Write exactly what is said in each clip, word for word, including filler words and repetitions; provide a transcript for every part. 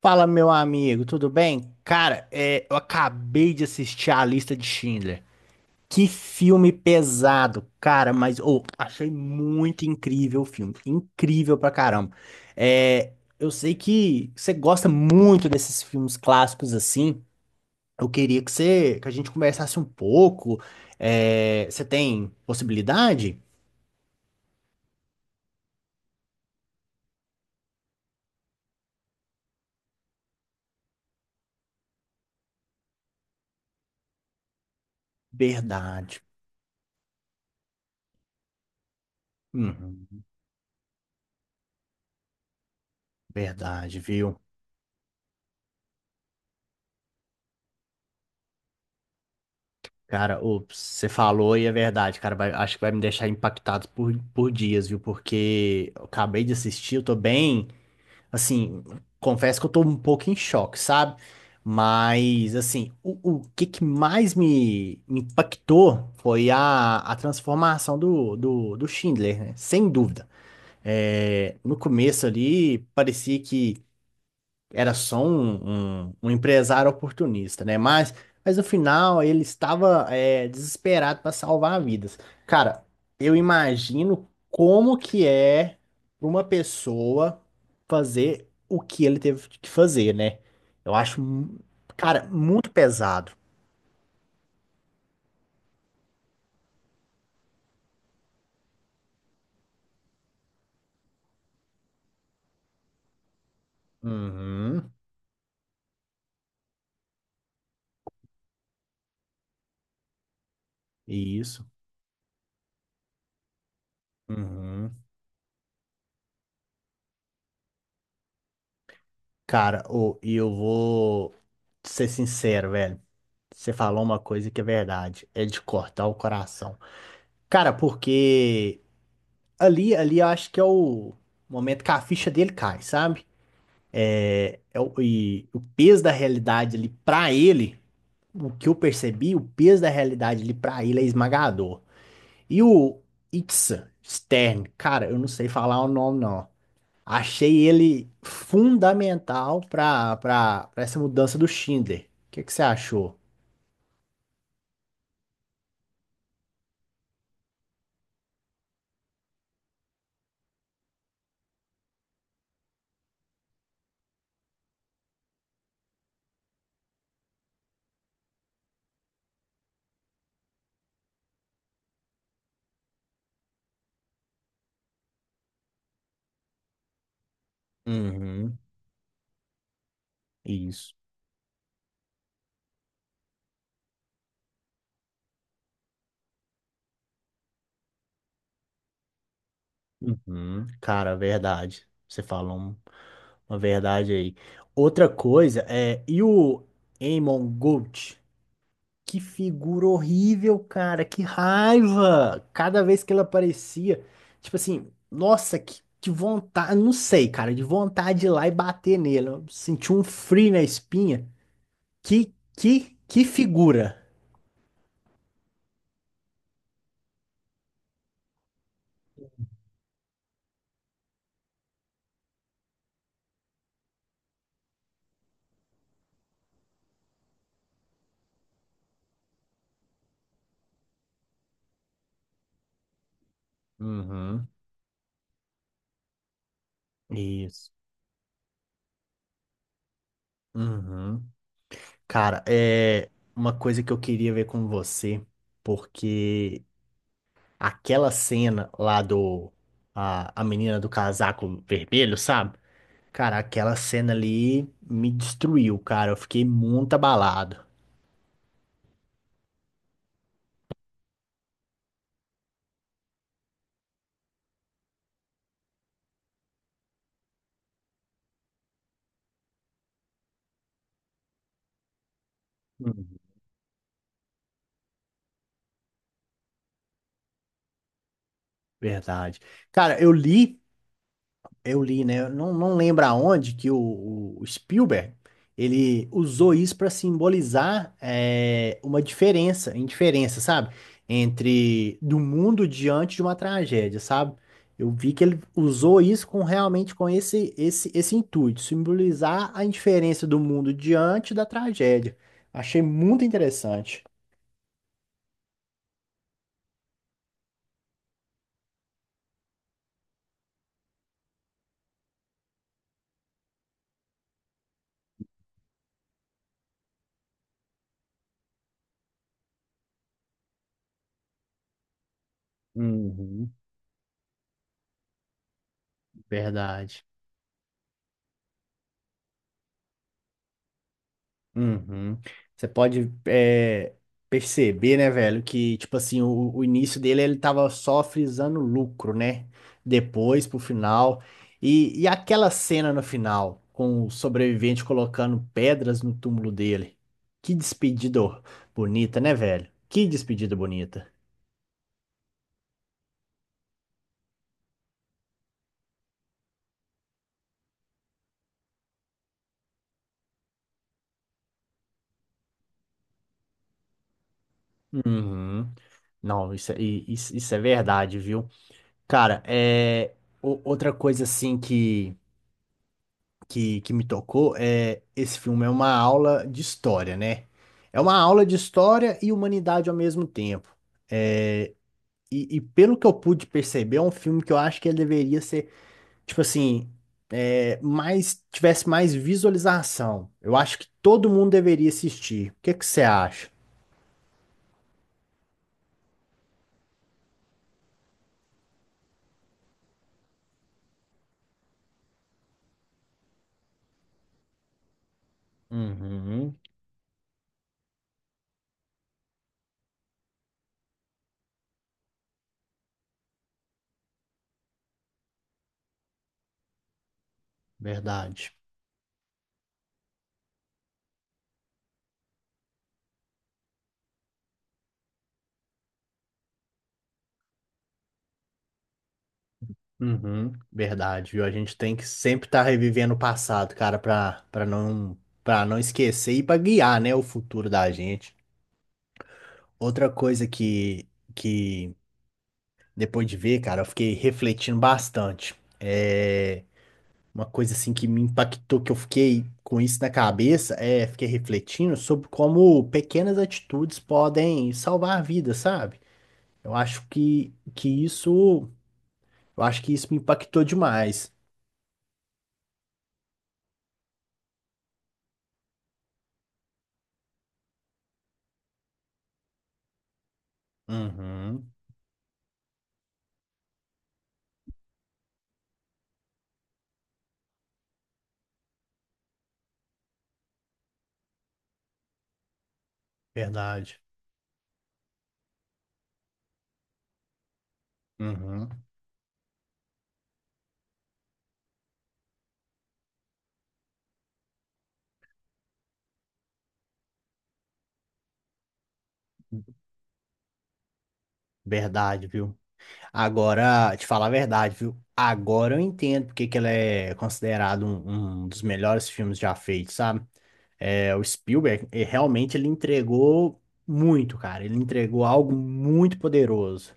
Fala, meu amigo, tudo bem? Cara, é, eu acabei de assistir a lista de Schindler. Que filme pesado, cara, mas ô, achei muito incrível o filme. Incrível pra caramba. É, eu sei que você gosta muito desses filmes clássicos assim. Eu queria que você, que a gente conversasse um pouco. É, você tem possibilidade? Verdade. Uhum, verdade, viu? Cara, ô, você falou e é verdade, cara. Vai- acho que vai me deixar impactado por, por dias, viu? Porque eu acabei de assistir, eu tô bem. Assim, confesso que eu tô um pouco em choque, sabe? Mas, assim, o, o que que mais me me impactou foi a, a transformação do, do, do Schindler, né? Sem dúvida. É, no começo ali, parecia que era só um, um, um empresário oportunista, né? Mas, mas no final ele estava é, desesperado para salvar vidas. Cara, eu imagino como que é pra uma pessoa fazer o que ele teve que fazer, né? Eu acho, mu- cara, muito pesado. Uhum, isso. Uhum. Cara, ô, e eu vou ser sincero, velho. Você falou uma coisa que é verdade, é de cortar o coração. Cara, porque ali, ali eu acho que é o momento que a ficha dele cai, sabe? É é o, e o peso da realidade ali pra ele, o que eu percebi, o peso da realidade ali pra ele é esmagador. E o Itzhak Stern, cara, eu não sei falar o nome não. Achei ele fundamental pra, pra, pra essa mudança do Schindler. O que que você achou? Uhum, isso. Uhum. Cara, verdade. Você falou. Uma verdade aí. Outra coisa é, e o Amon Gold? Que figura horrível, cara, que raiva! Cada vez que ele aparecia, tipo assim, nossa, que que vontade, não sei, cara, de vontade de ir lá e bater nele. Eu senti um frio na espinha. Que que que figura! Uhum. Isso. Uhum. Cara, é uma coisa que eu queria ver com você, porque aquela cena lá do. A, a menina do casaco vermelho, sabe? Cara, aquela cena ali me destruiu, cara. Eu fiquei muito abalado. Hum, Verdade. Cara, eu li. Eu li, né? Eu não, não lembro aonde que o, o Spielberg ele usou isso para simbolizar é, uma diferença, indiferença, sabe? Entre do mundo diante de uma tragédia, sabe? Eu vi que ele usou isso com realmente com esse esse esse intuito, simbolizar a indiferença do mundo diante da tragédia. Achei muito interessante. Uhum. Verdade. Uhum. Você pode é, perceber, né, velho, que, tipo assim, o, o início dele, ele tava só frisando lucro, né? Depois, pro final. E, e aquela cena no final, com o sobrevivente colocando pedras no túmulo dele. Que despedida bonita, né, velho? Que despedida bonita. Uhum. Não, isso, é- i- isso, isso é verdade, viu? Cara, é o- outra coisa assim que que, que me tocou é esse filme é uma aula de história, né? É uma aula de história e humanidade ao mesmo tempo. E, e pelo que eu pude perceber, é um filme que eu acho que ele deveria ser, tipo assim, é, mais, tivesse mais visualização. Eu acho que todo mundo deveria assistir. O que é que você acha? Uhum, verdade. Uhum. Verdade, viu? A gente tem que sempre estar revivendo o passado, cara, pra, pra não, pra não esquecer e pra guiar, né, o futuro da gente. Outra coisa que, que depois de ver, cara, eu fiquei refletindo bastante. É uma coisa assim que me impactou, que eu fiquei com isso na cabeça, é fiquei refletindo sobre como pequenas atitudes podem salvar vidas, sabe? Eu acho que, que isso, eu acho que isso me impactou demais. Uhum, verdade. Uhum, verdade, viu? Agora, te falar a verdade, viu? Agora eu entendo porque que ele é considerado um, um dos melhores filmes já feitos, sabe? É, o Spielberg, ele, realmente ele entregou muito, cara. Ele entregou algo muito poderoso.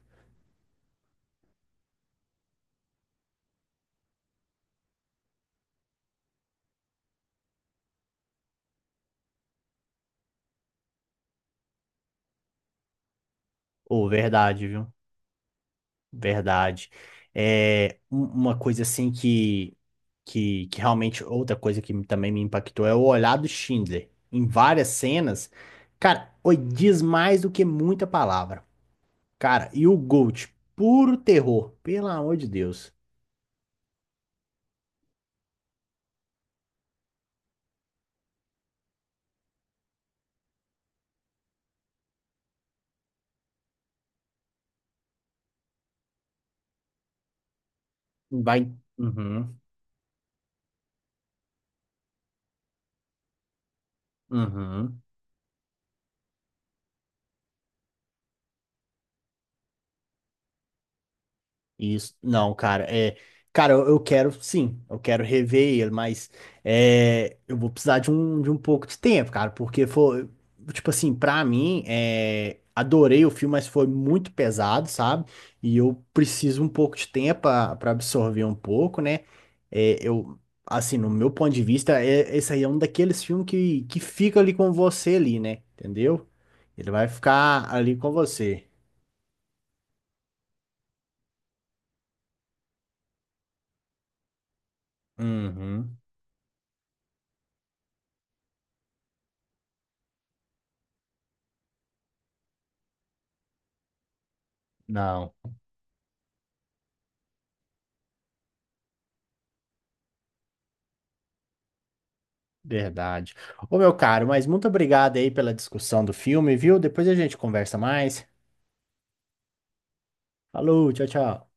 Ô, verdade, viu? Verdade. É, um- uma coisa assim que, que, que realmente, outra coisa que também me impactou é o olhar do Schindler. Em várias cenas, cara, oi, diz mais do que muita palavra. Cara, e o Gold, puro terror, pelo amor de Deus. Vai, uhum, uhum. Isso, não, cara, é, cara, eu, eu quero, sim, eu quero rever ele, mas é, eu vou precisar de um, de um pouco de tempo, cara, porque foi, tipo assim, pra mim, é, adorei o filme, mas foi muito pesado, sabe? E eu preciso um pouco de tempo pra pra absorver um pouco, né? É, eu, assim, no meu ponto de vista, é, esse aí é um daqueles filmes que, que fica ali com você ali, né? Entendeu? Ele vai ficar ali com você. Uhum. Não. Verdade. Ô, meu caro, mas muito obrigado aí pela discussão do filme, viu? Depois a gente conversa mais. Falou, tchau, tchau.